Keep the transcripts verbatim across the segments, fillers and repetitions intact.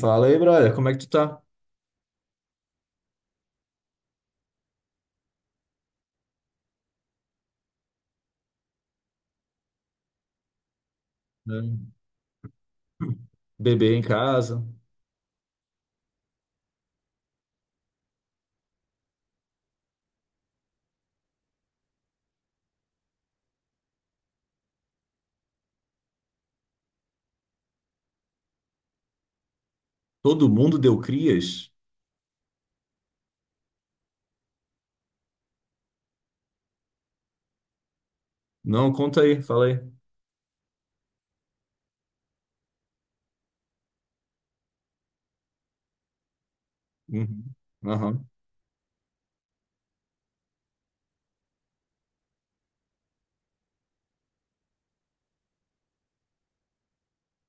Fala aí, brother, como é que tu tá? É. Bebê em casa. Todo mundo deu crias? Não, conta aí, fala aí. Uhum. Aham.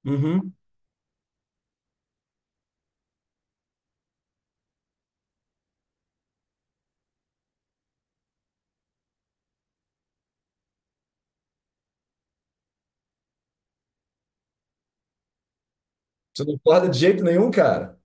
Uhum. Você não acorda de jeito nenhum, cara?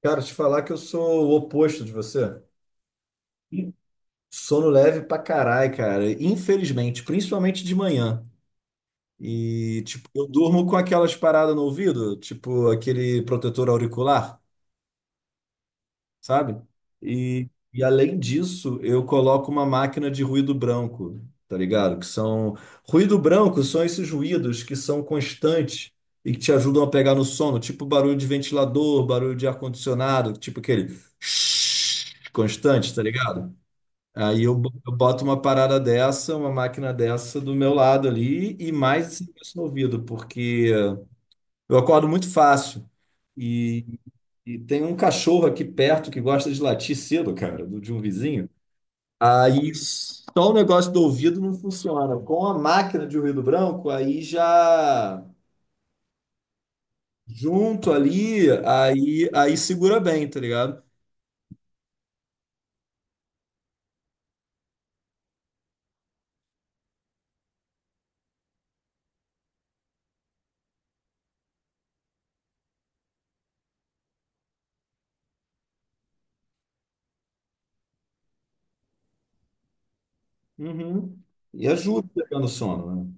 Cara, te falar que eu sou o oposto de você. Sono leve pra caralho, cara. Infelizmente, principalmente de manhã. E, tipo, eu durmo com aquelas paradas no ouvido, tipo aquele protetor auricular. Sabe? E, e além disso, eu coloco uma máquina de ruído branco, tá ligado? Que são. Ruído branco são esses ruídos que são constantes e que te ajudam a pegar no sono, tipo barulho de ventilador, barulho de ar-condicionado, tipo aquele constante, tá ligado? Aí eu bo- eu boto uma parada dessa, uma máquina dessa do meu lado ali e mais isso no ouvido, porque eu acordo muito fácil. E, e tem um cachorro aqui perto que gosta de latir cedo, cara, do- de um vizinho. Aí só o negócio do ouvido não funciona. Com a máquina de ruído branco, aí já junto ali, aí, aí segura bem, tá ligado? Uhum. E ajuda pegando sono, né?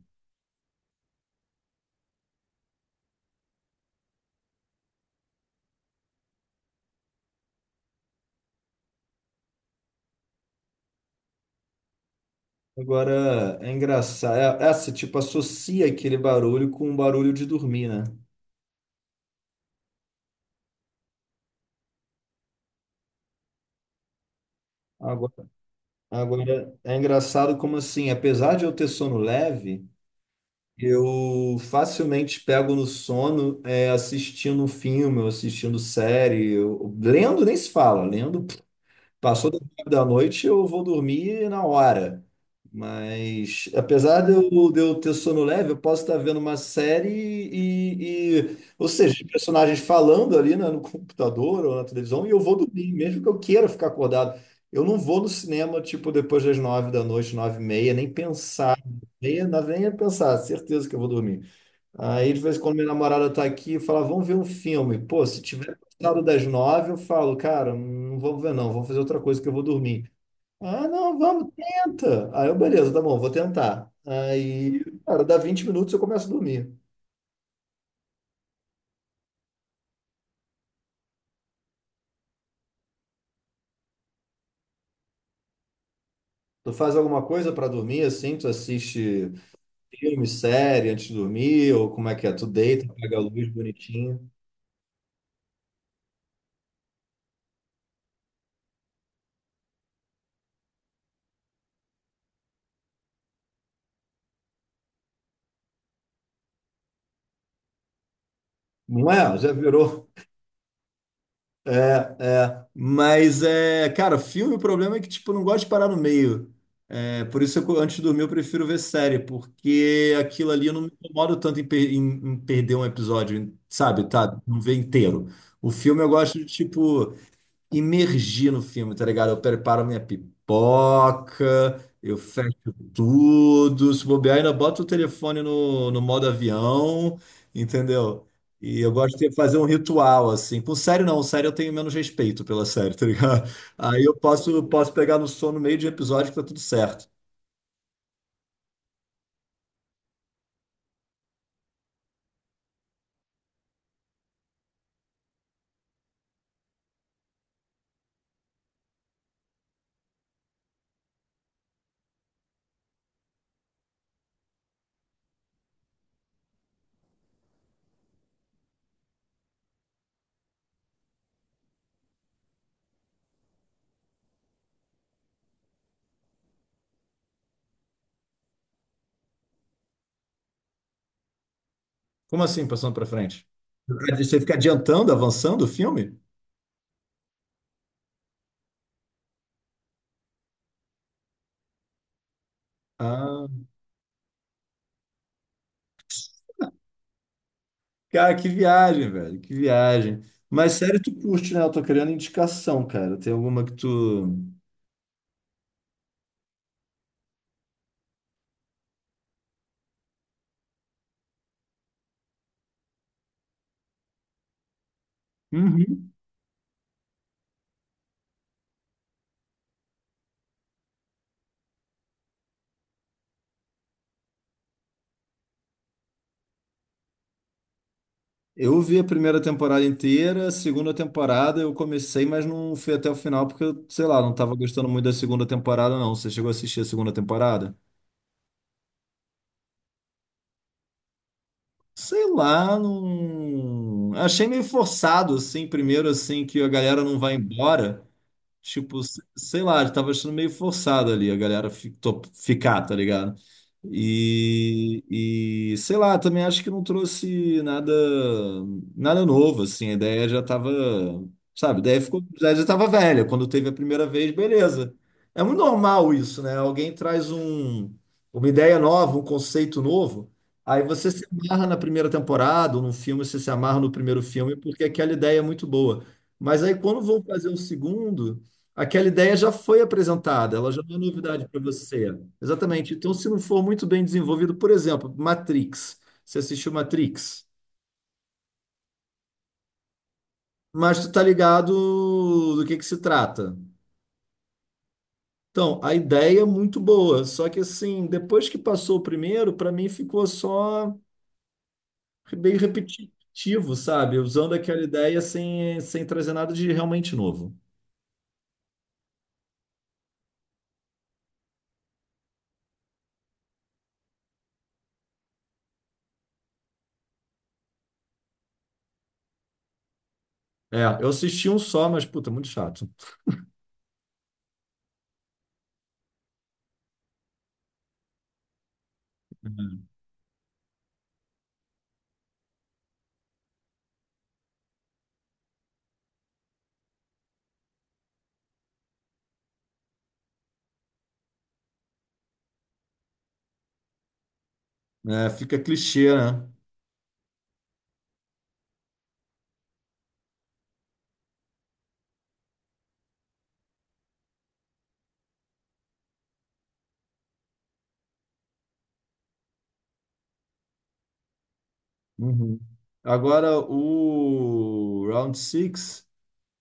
Agora é engraçado. É, é, você tipo associa aquele barulho com o barulho de dormir, né? Agora, agora é engraçado como assim, apesar de eu ter sono leve. Eu facilmente pego no sono é, assistindo um filme, ou assistindo série, eu- lendo nem se fala, lendo. Passou das nove da noite, eu vou dormir na hora. Mas, apesar de eu, de eu ter sono leve, eu posso estar vendo uma série e, e- ou seja, os personagens falando ali, né, no computador ou na televisão, e eu vou dormir, mesmo que eu queira ficar acordado. Eu não vou no cinema, tipo, depois das nove da noite, nove e meia, nem pensar, nem nem pensar, certeza que eu vou dormir. Aí, de vez em quando, minha namorada tá aqui e fala, vamos ver um filme. Pô, se tiver passado das nove, eu falo, cara, não vamos ver não, vamos fazer outra coisa que eu vou dormir. Ah, não, vamos, tenta. Aí eu, beleza, tá bom, vou tentar. Aí, cara, dá vinte minutos eu começo a dormir. Tu faz alguma coisa pra dormir, assim? Tu assiste filme, série antes de dormir? Ou como é que é? Tu deita, pega a luz bonitinho. Não é? Já virou. É, é. Mas é, cara, filme, o problema é que, tipo, eu não gosto de parar no meio. É, por isso, eu, antes de dormir, eu prefiro ver série, porque aquilo ali eu não me incomodo tanto em, per- em- em perder um episódio, sabe? Tá, não ver inteiro. O filme eu gosto de, tipo, imergir no filme, tá ligado? Eu preparo minha pipoca, eu fecho tudo, se bobear, ainda boto o telefone no, no modo avião, entendeu? E eu gosto de fazer um ritual, assim. Com série, não. Série eu tenho menos respeito pela série, tá ligado? Aí eu posso, posso pegar no sono no meio de episódio que tá tudo certo. Como assim, passando pra frente? Você fica adiantando, avançando o filme? Ah. Cara, que viagem, velho, que viagem. Mas sério, tu curte, né? Eu tô querendo indicação, cara. Tem alguma que tu. Uhum. Eu vi a primeira temporada inteira, a segunda temporada eu comecei, mas não fui até o final porque, eu, sei lá, não tava gostando muito da segunda temporada, não. Você chegou a assistir a segunda temporada? Sei lá, não. Achei meio forçado, assim, primeiro, assim, que a galera não vai embora. Tipo, se- sei lá, eu tava achando meio forçado ali a galera fi- to- ficar, tá ligado? E, e sei lá, também acho que não trouxe nada nada novo, assim, a ideia já tava, sabe, a ideia ficou, já, já tava velha, quando teve a primeira vez, beleza. É muito normal isso, né? Alguém traz um, uma ideia nova, um conceito novo, aí você se amarra na primeira temporada, ou num filme, você se amarra no primeiro filme, porque aquela ideia é muito boa. Mas aí quando vão fazer o segundo. Aquela ideia já foi apresentada, ela já não é novidade para você. Exatamente. Então, se não for muito bem desenvolvido, por exemplo, Matrix. Você assistiu Matrix, mas tu tá ligado do que que se trata. Então, a ideia é muito boa, só que assim, depois que passou o primeiro, para mim ficou só bem repetitivo, sabe? Usando aquela ideia sem, sem trazer nada de realmente novo. É, eu assisti um só, mas puta, muito chato. É, fica clichê, né? Uhum. Agora, o Round Six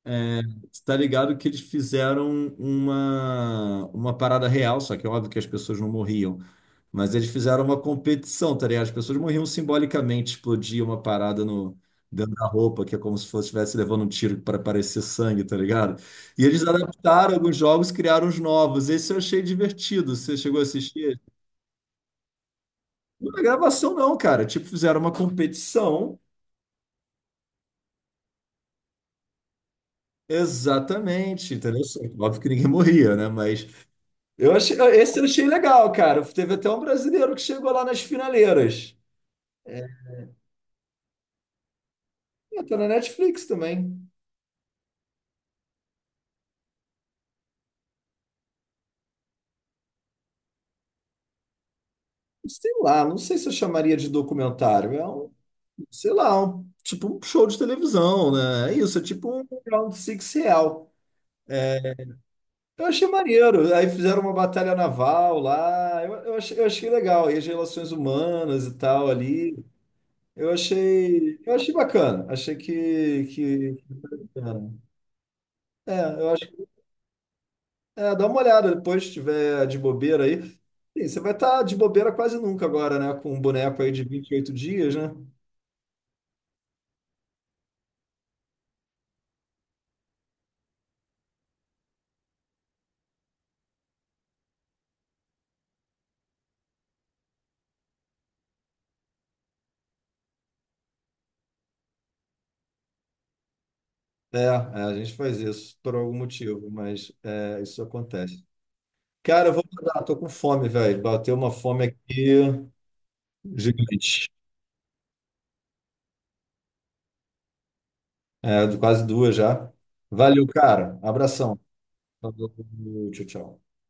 é, tá ligado que eles fizeram uma, uma parada real, só que é óbvio que as pessoas não morriam, mas eles fizeram uma competição, tá ligado? As pessoas morriam simbolicamente, explodia uma parada no, dentro da roupa, que é como se fosse estivesse levando um tiro para parecer sangue, tá ligado? E eles adaptaram alguns jogos, criaram os novos. Esse eu achei divertido. Você chegou a assistir? Não é gravação, não, cara. Tipo, fizeram uma competição. Exatamente, entendeu? Sim, óbvio que ninguém morria, né? Mas eu achei, ah, esse eu achei legal, cara. Teve até um brasileiro que chegou lá nas finaleiras. É, tá na Netflix também. Sei lá, não sei se eu chamaria de documentário. É um, sei lá, um- tipo um show de televisão, né? É isso, é tipo um Round Six real. É, eu achei maneiro. Aí fizeram uma batalha naval lá. Eu, eu achei, eu achei legal. E as relações humanas e tal ali. Eu achei, eu achei bacana. Achei que, que. É, é, eu acho que. É, dá uma olhada depois, se tiver de bobeira aí. Sim, você vai estar de bobeira quase nunca agora, né? Com um boneco aí de vinte e oito dias, né? É, é, a gente faz isso por algum motivo, mas é, isso acontece. Cara, eu vou mandar, tô com fome, velho. Bateu uma fome aqui gigante. É, quase duas já. Valeu, cara. Abração. Falou, tchau, tchau.